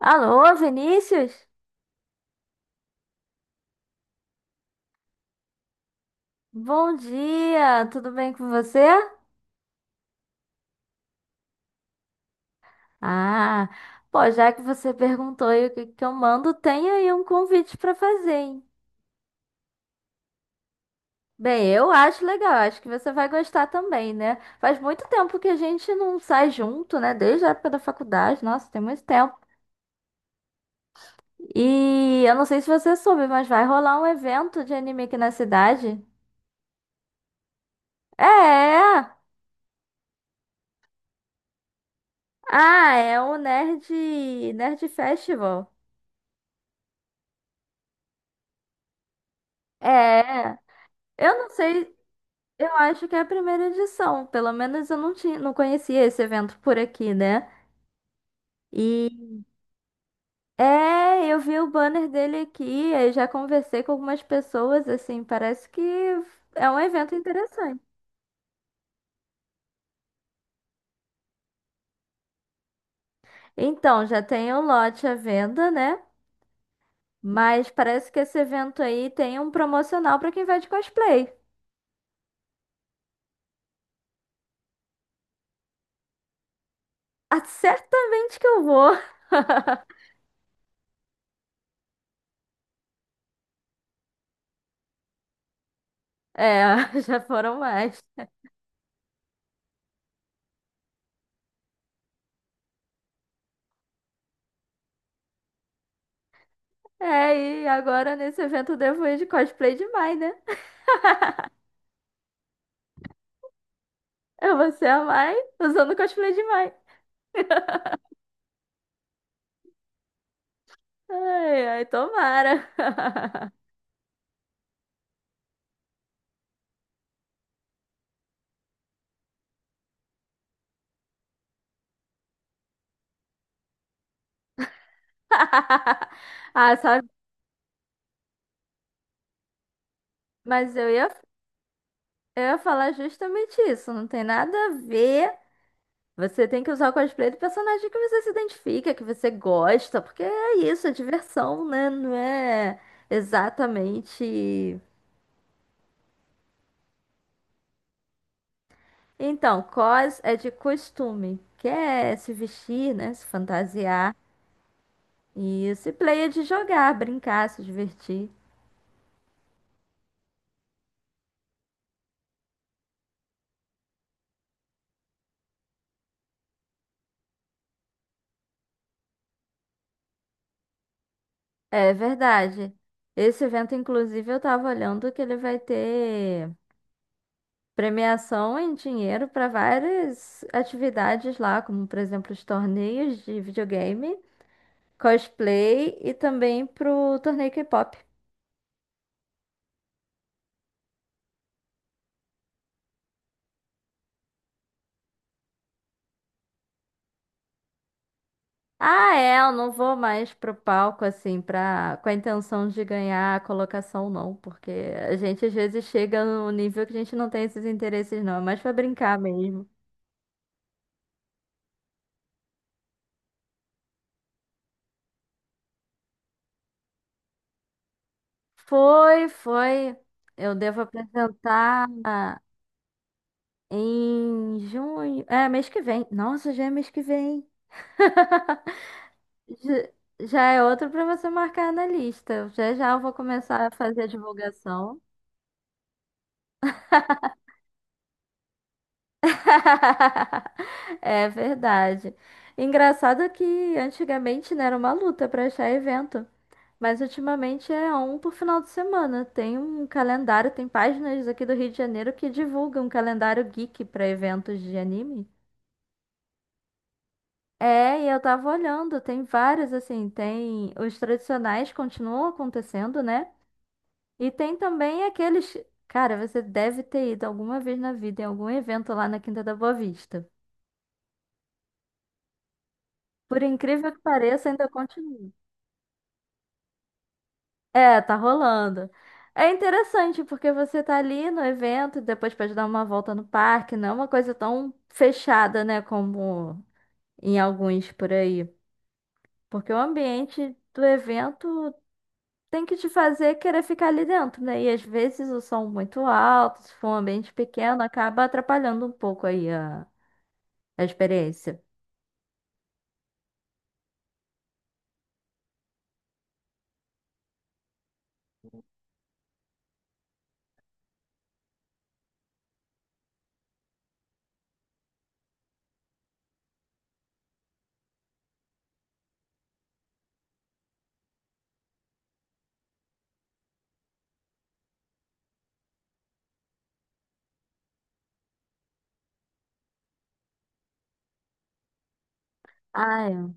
Alô, Vinícius? Bom dia, tudo bem com você? Ah, pô, já que você perguntou aí o que que eu mando, tem aí um convite pra fazer, hein? Bem, eu acho legal, acho que você vai gostar também, né? Faz muito tempo que a gente não sai junto, né? Desde a época da faculdade, nossa, tem muito tempo. E eu não sei se você soube, mas vai rolar um evento de anime aqui na cidade. É! Ah, é o Nerd Festival. É, eu não sei. Eu acho que é a primeira edição. Pelo menos eu não tinha, não conhecia esse evento por aqui, né? E é, eu vi o banner dele aqui, aí já conversei com algumas pessoas, assim, parece que é um evento interessante. Então, já tem o lote à venda, né? Mas parece que esse evento aí tem um promocional para quem vai de cosplay. Ah, certamente que eu vou. É, já foram mais. É, e agora nesse evento eu devo ir de cosplay de Mai, né? Eu vou ser a Mai usando o cosplay de Mai. Ai, ai, tomara. Ah, sabe? Mas eu ia falar justamente isso. Não tem nada a ver. Você tem que usar o cosplay do personagem que você se identifica, que você gosta, porque é isso, é diversão, né? Não é exatamente. Então, cos é de costume, que é se vestir, né? Se fantasiar. E se play é de jogar, brincar, se divertir. É verdade. Esse evento, inclusive, eu estava olhando que ele vai ter premiação em dinheiro para várias atividades lá, como, por exemplo, os torneios de videogame, cosplay e também pro torneio K-pop. Ah, é, eu não vou mais pro palco assim para com a intenção de ganhar a colocação não, porque a gente às vezes chega num nível que a gente não tem esses interesses não, é mais para brincar mesmo. Foi, foi. Eu devo apresentar em junho. É, mês que vem. Nossa, já é mês que vem. Já já é outro para você marcar na lista. Já já eu vou começar a fazer a divulgação. É verdade. Engraçado que antigamente, né, era uma luta para achar evento. Mas ultimamente é um por final de semana. Tem um calendário, tem páginas aqui do Rio de Janeiro que divulgam um calendário geek para eventos de anime. É, e eu tava olhando, tem vários assim, tem os tradicionais continuam acontecendo, né? E tem também aqueles, cara, você deve ter ido alguma vez na vida em algum evento lá na Quinta da Boa Vista. Por incrível que pareça, ainda continua. É, tá rolando. É interessante porque você tá ali no evento, e depois pode dar uma volta no parque, não é uma coisa tão fechada, né, como em alguns por aí. Porque o ambiente do evento tem que te fazer querer ficar ali dentro, né? E às vezes o som muito alto, se for um ambiente pequeno, acaba atrapalhando um pouco aí a experiência. Ah,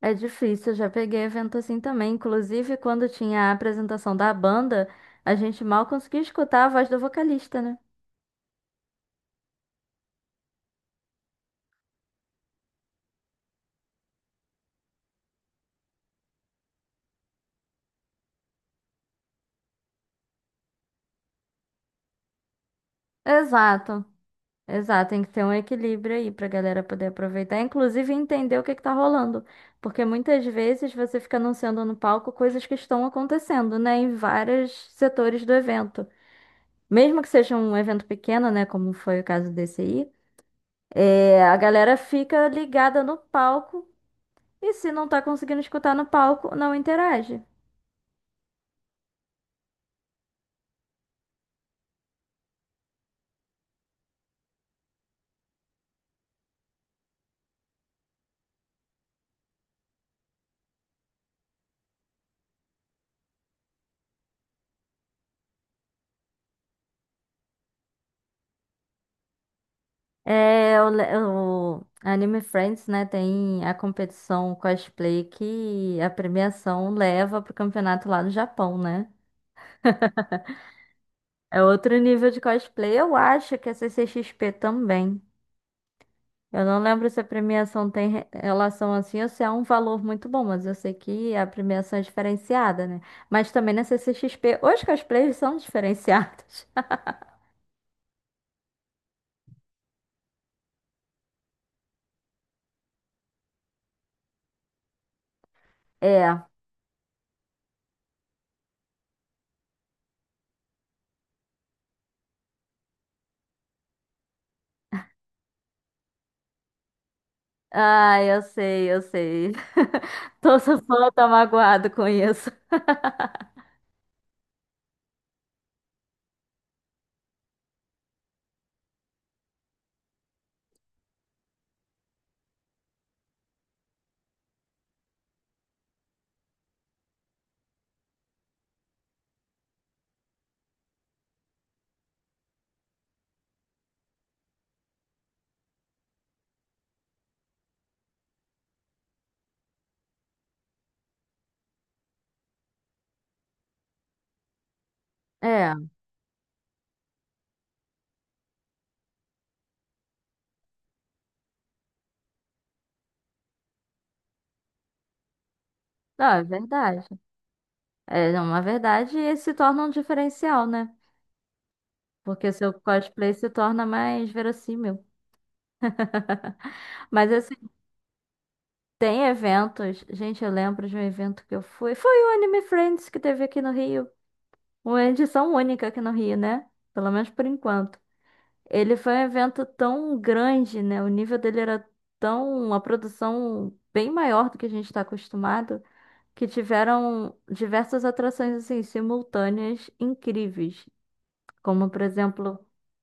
é difícil, eu já peguei evento assim também. Inclusive, quando tinha a apresentação da banda, a gente mal conseguia escutar a voz do vocalista, né? Exato, exato. Tem que ter um equilíbrio aí pra galera poder aproveitar, inclusive entender o que que tá rolando. Porque muitas vezes você fica anunciando no palco coisas que estão acontecendo, né, em vários setores do evento. Mesmo que seja um evento pequeno, né, como foi o caso desse aí, é, a galera fica ligada no palco. E se não tá conseguindo escutar no palco, não interage. É, o Anime Friends, né, tem a competição cosplay que a premiação leva pro campeonato lá no Japão, né? É outro nível de cosplay, eu acho que a CCXP também. Eu não lembro se a premiação tem relação assim ou se é um valor muito bom, mas eu sei que a premiação é diferenciada, né? Mas também na CCXP, os cosplayers são diferenciados. É. Ah, eu sei, eu sei. Tô só só tô magoado com isso. É, não, é verdade. É é uma verdade e se torna um diferencial, né? Porque seu cosplay se torna mais verossímil. Mas assim, tem eventos. Gente, eu lembro de um evento que eu fui. Foi o Anime Friends que teve aqui no Rio. Uma edição única aqui no Rio, né? Pelo menos por enquanto. Ele foi um evento tão grande, né? O nível dele era tão, uma produção bem maior do que a gente está acostumado, que tiveram diversas atrações assim simultâneas incríveis, como por exemplo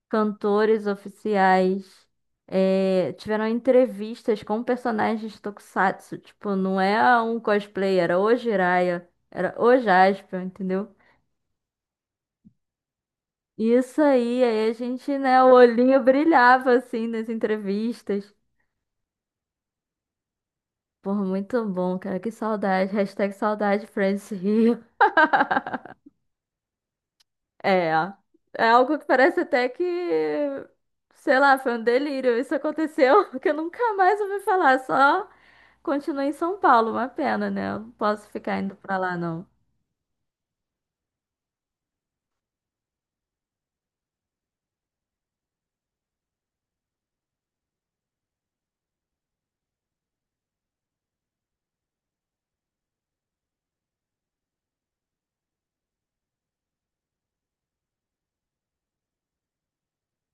cantores oficiais, tiveram entrevistas com personagens tokusatsu, tipo não é um cosplay, era o Jiraiya, era o Jaspion, entendeu? Isso aí, aí a gente, né? O olhinho brilhava assim nas entrevistas. Pô, muito bom, cara. Que saudade. Hashtag saudade Friends Rio. É. É algo que parece até que, sei lá, foi um delírio. Isso aconteceu que eu nunca mais ouvi falar. Só continuei em São Paulo. Uma pena, né? Eu não posso ficar indo pra lá, não.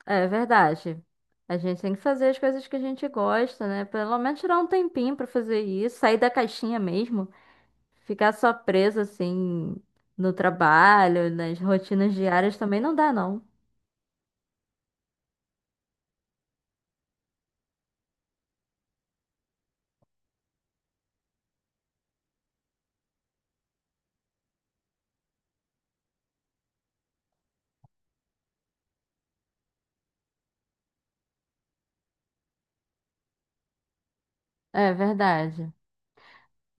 É verdade. A gente tem que fazer as coisas que a gente gosta, né? Pelo menos tirar um tempinho pra fazer isso. Sair da caixinha mesmo. Ficar só preso, assim, no trabalho, nas rotinas diárias também não dá, não. É verdade.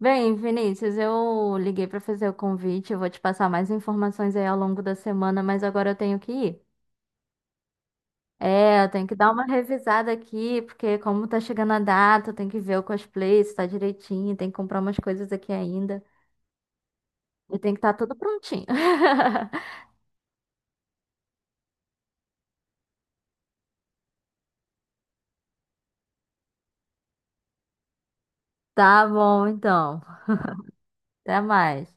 Bem, Vinícius, eu liguei para fazer o convite, eu vou te passar mais informações aí ao longo da semana, mas agora eu tenho que ir. É, eu tenho que dar uma revisada aqui, porque como tá chegando a data, eu tenho que ver o cosplay, se tá direitinho, tem que comprar umas coisas aqui ainda. E tem que estar tudo prontinho. Tá bom, então. Até mais.